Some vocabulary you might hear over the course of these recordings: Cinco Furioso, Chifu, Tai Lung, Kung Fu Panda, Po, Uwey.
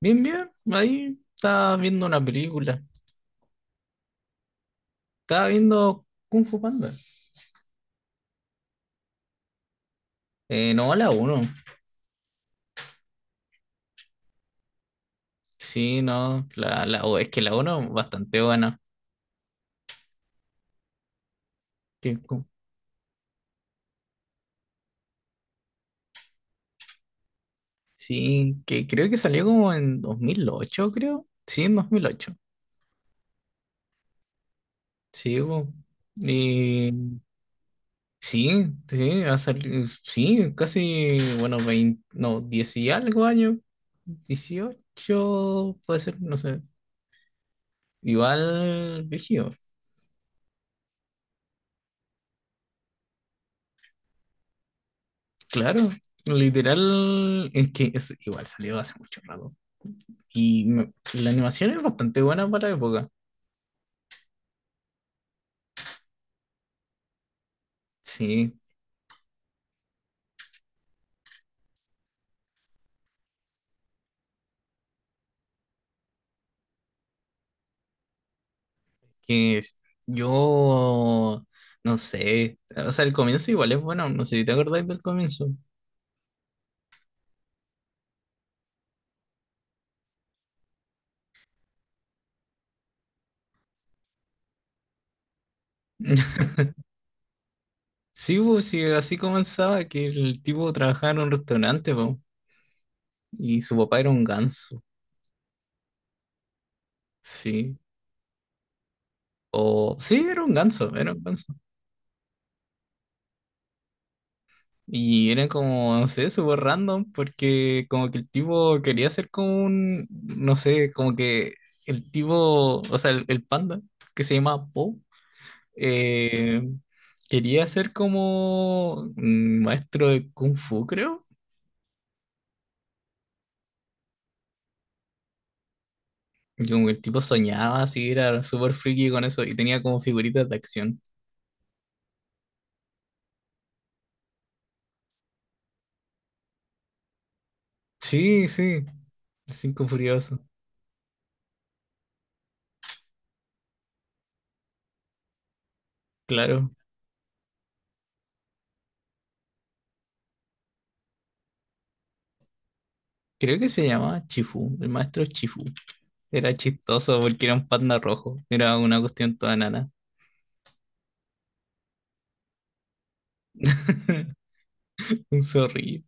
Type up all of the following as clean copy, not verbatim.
Bien, bien, ahí estaba viendo una película. Estaba viendo Kung Fu Panda. No, la uno. Sí, no, o es que la uno bastante buena. Que cu- sí, que creo que salió como en 2008, creo. Sí, en 2008. Sí, po. Y sí, sí, sí, casi, bueno, 20. No, 10 y algo años, dieciocho, puede ser, no sé. Igual, vigío. Claro, literal, igual salió hace mucho rato. La animación es bastante buena para la época. Sí, que es- yo no sé. O sea, el comienzo igual es bueno. No sé si te acordáis del comienzo. Sí, pues, sí, así comenzaba que el tipo trabajaba en un restaurante, po, y su papá era un ganso. Sí. O sí, era un ganso, era un ganso. Y eran como, no sé, súper random, porque como que el tipo quería ser como un, no sé, como que el tipo, o sea, el panda, que se llama Po, eh, quería ser como un maestro de Kung Fu, creo. Y como que el tipo soñaba así, era súper friki con eso, y tenía como figuritas de acción. Sí, sí, Cinco Furioso, claro. Creo que se llamaba Chifu, el maestro Chifu. Era chistoso porque era un panda rojo. Era una cuestión toda nana. Un zorrillo.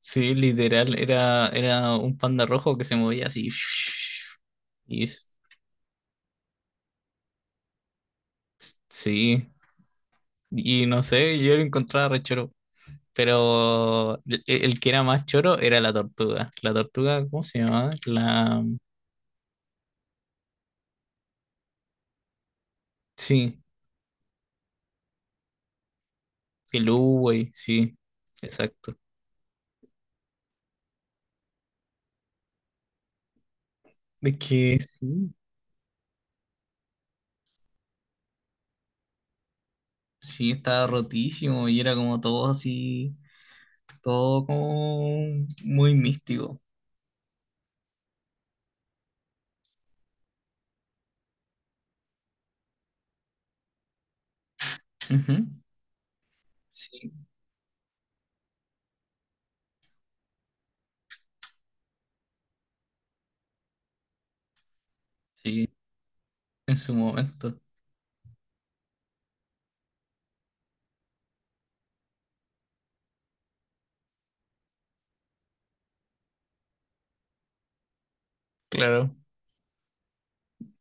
Sí, literal. Era, era un panda rojo que se movía así. Y s- sí. Y no sé, yo lo encontraba re choro. Pero el que era más choro era la tortuga. La tortuga, ¿cómo se llamaba? La. Sí, el Uwey, sí. Exacto. Es que sí. Sí, estaba rotísimo y era como todo así, todo como muy místico. Ujú. Sí, sí, en su momento, claro.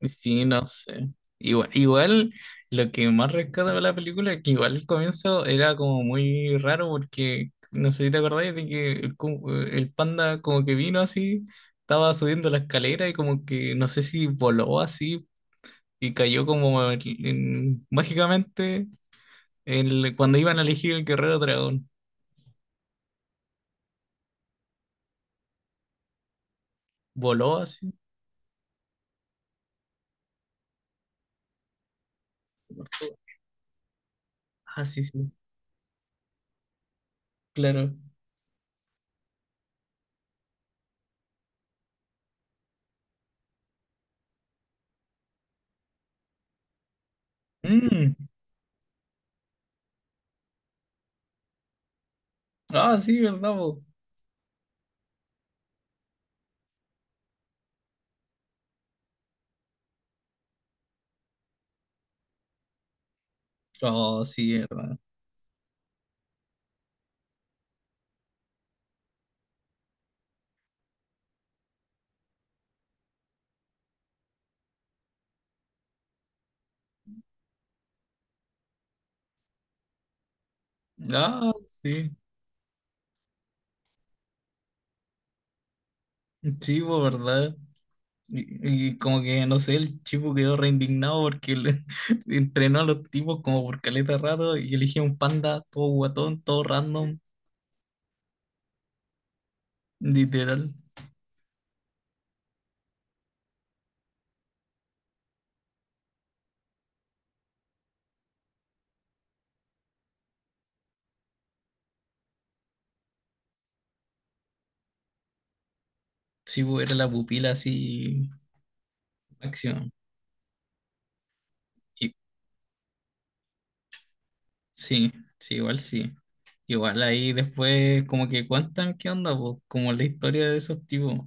Sí, no sé. Igual, igual lo que más rescato de la película es que igual el comienzo era como muy raro porque no sé si te acordáis de que el panda como que vino así, estaba subiendo la escalera y como que no sé si voló así y cayó como mágicamente el, cuando iban a elegir el guerrero dragón. Voló así. Ah, sí, sí. Claro. Mm, ah, sí, ¿verdad, po? Oh, sí, ¿verdad? Ah, sí. Sí, po, ¿verdad? Y como que, no sé, el chico quedó re indignado porque entrenó a los tipos como por caleta de rato y eligió un panda todo guatón, todo random, literal. Sí, po, era la pupila así, acción. Y, sí, sí. Igual ahí después como que cuentan qué onda, po, como la historia de esos tipos.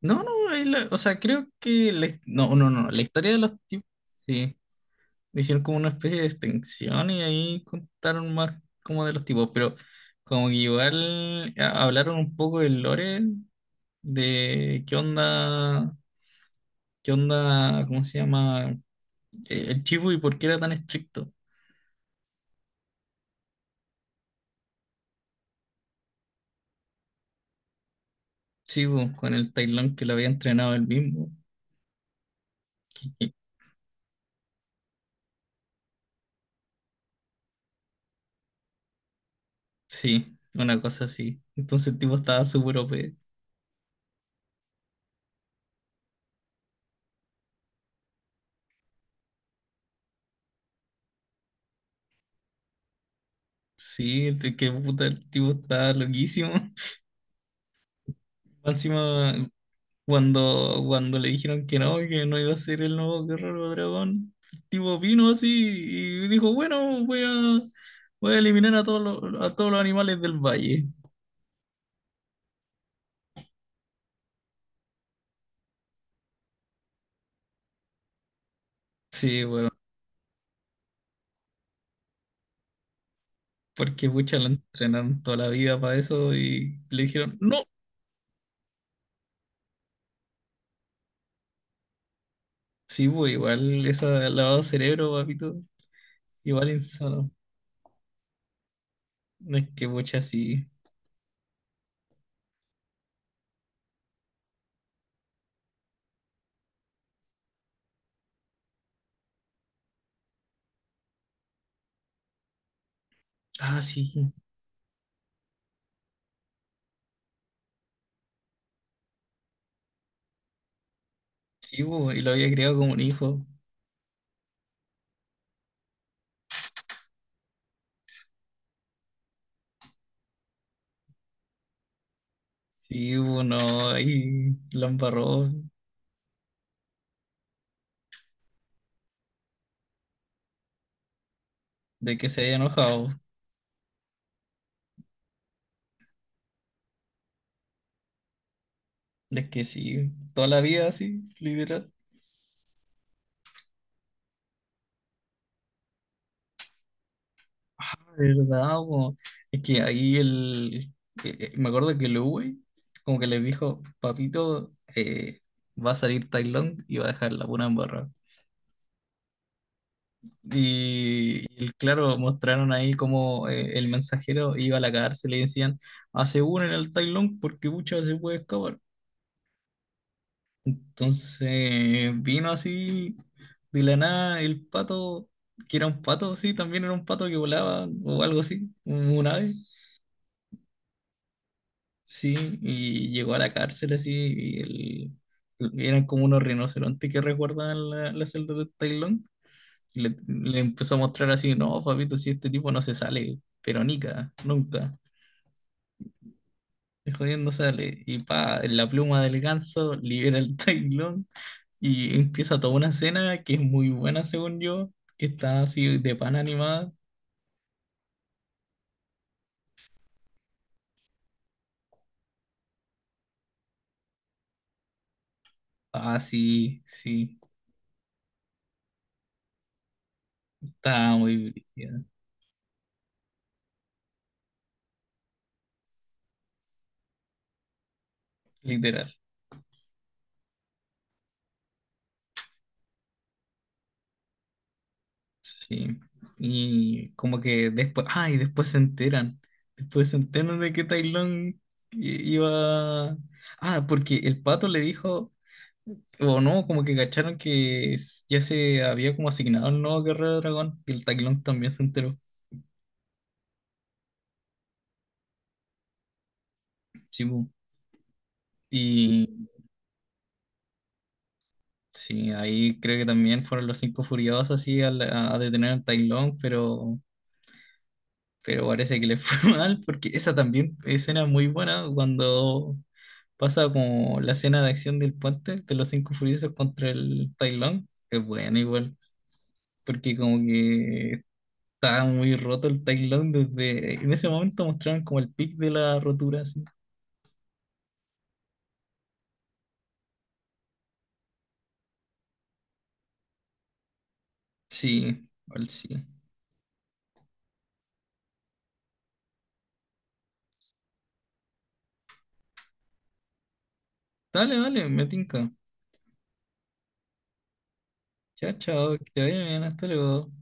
No, no, o sea, creo que no, no, no, la historia de los tipos, sí, hicieron como una especie de extensión y ahí contaron más como de los tipos, pero como que hablaron un poco del lore, de qué onda, ¿cómo se llama? El chivo y por qué era tan estricto. Sí, po, con el tailón que lo había entrenado él mismo. Sí, una cosa así. Entonces el tipo estaba súper OP. Sí, que puta, el tipo estaba loquísimo. Más encima, cuando le dijeron que no iba a ser el nuevo Guerrero Dragón, el tipo vino así y dijo, bueno, voy a eliminar a todos los animales del valle. Sí, bueno, porque pucha, la entrenaron toda la vida para eso y le dijeron, no. Sí, pues igual, esa lavado de cerebro, papito, igual insano. No es que pucha, sí. Ah, sí, sí, pues, y lo había criado como un hijo. Sí, pues, no, ahí la embarró. De que se haya enojado. Es que sí, toda la vida así, literal. De verdad, po. Es que ahí el. Me acuerdo que el Uwe, como que le dijo, papito, va a salir Tai Lung y va a dejar la pura embarrada. Y, claro, mostraron ahí como el mensajero iba a la cárcel y decían, hace uno en el Tai Lung porque muchas se puede escapar. Entonces vino así de la nada el pato, que era un pato, sí, también era un pato que volaba o algo así, un ave, sí, y llegó a la cárcel así, eran como unos rinocerontes que resguardaban la celda de Tailón, y le empezó a mostrar así, no, papito, si este tipo no se sale, pero nica, nunca, de jodiendo sale, y pa, en la pluma del ganso libera el Tailón. Y empieza toda una escena que es muy buena, según yo, que está así de pan animada. Ah, sí, sí, está muy brígida, literal. Sí. Y como que después, ah, y después se enteran. Después se enteran de que Tai Lung iba. Ah, porque el pato le dijo, o no, como que cacharon que ya se había como asignado el nuevo guerrero dragón. Y el Tai Lung también se enteró. Sí, bu. Y. Sí, ahí creo que también fueron los cinco furiosos así a detener a Tai Lung, pero parece que le fue mal porque esa también escena muy buena cuando pasa como la escena de acción del puente de los cinco furiosos contra el Tai Lung, es buena igual, porque como que está muy roto el Tai Lung desde en ese momento mostraron como el pic de la rotura así. Sí, igual sí. Dale, dale, me tinca. Chao, chao, que te vaya bien, hasta luego.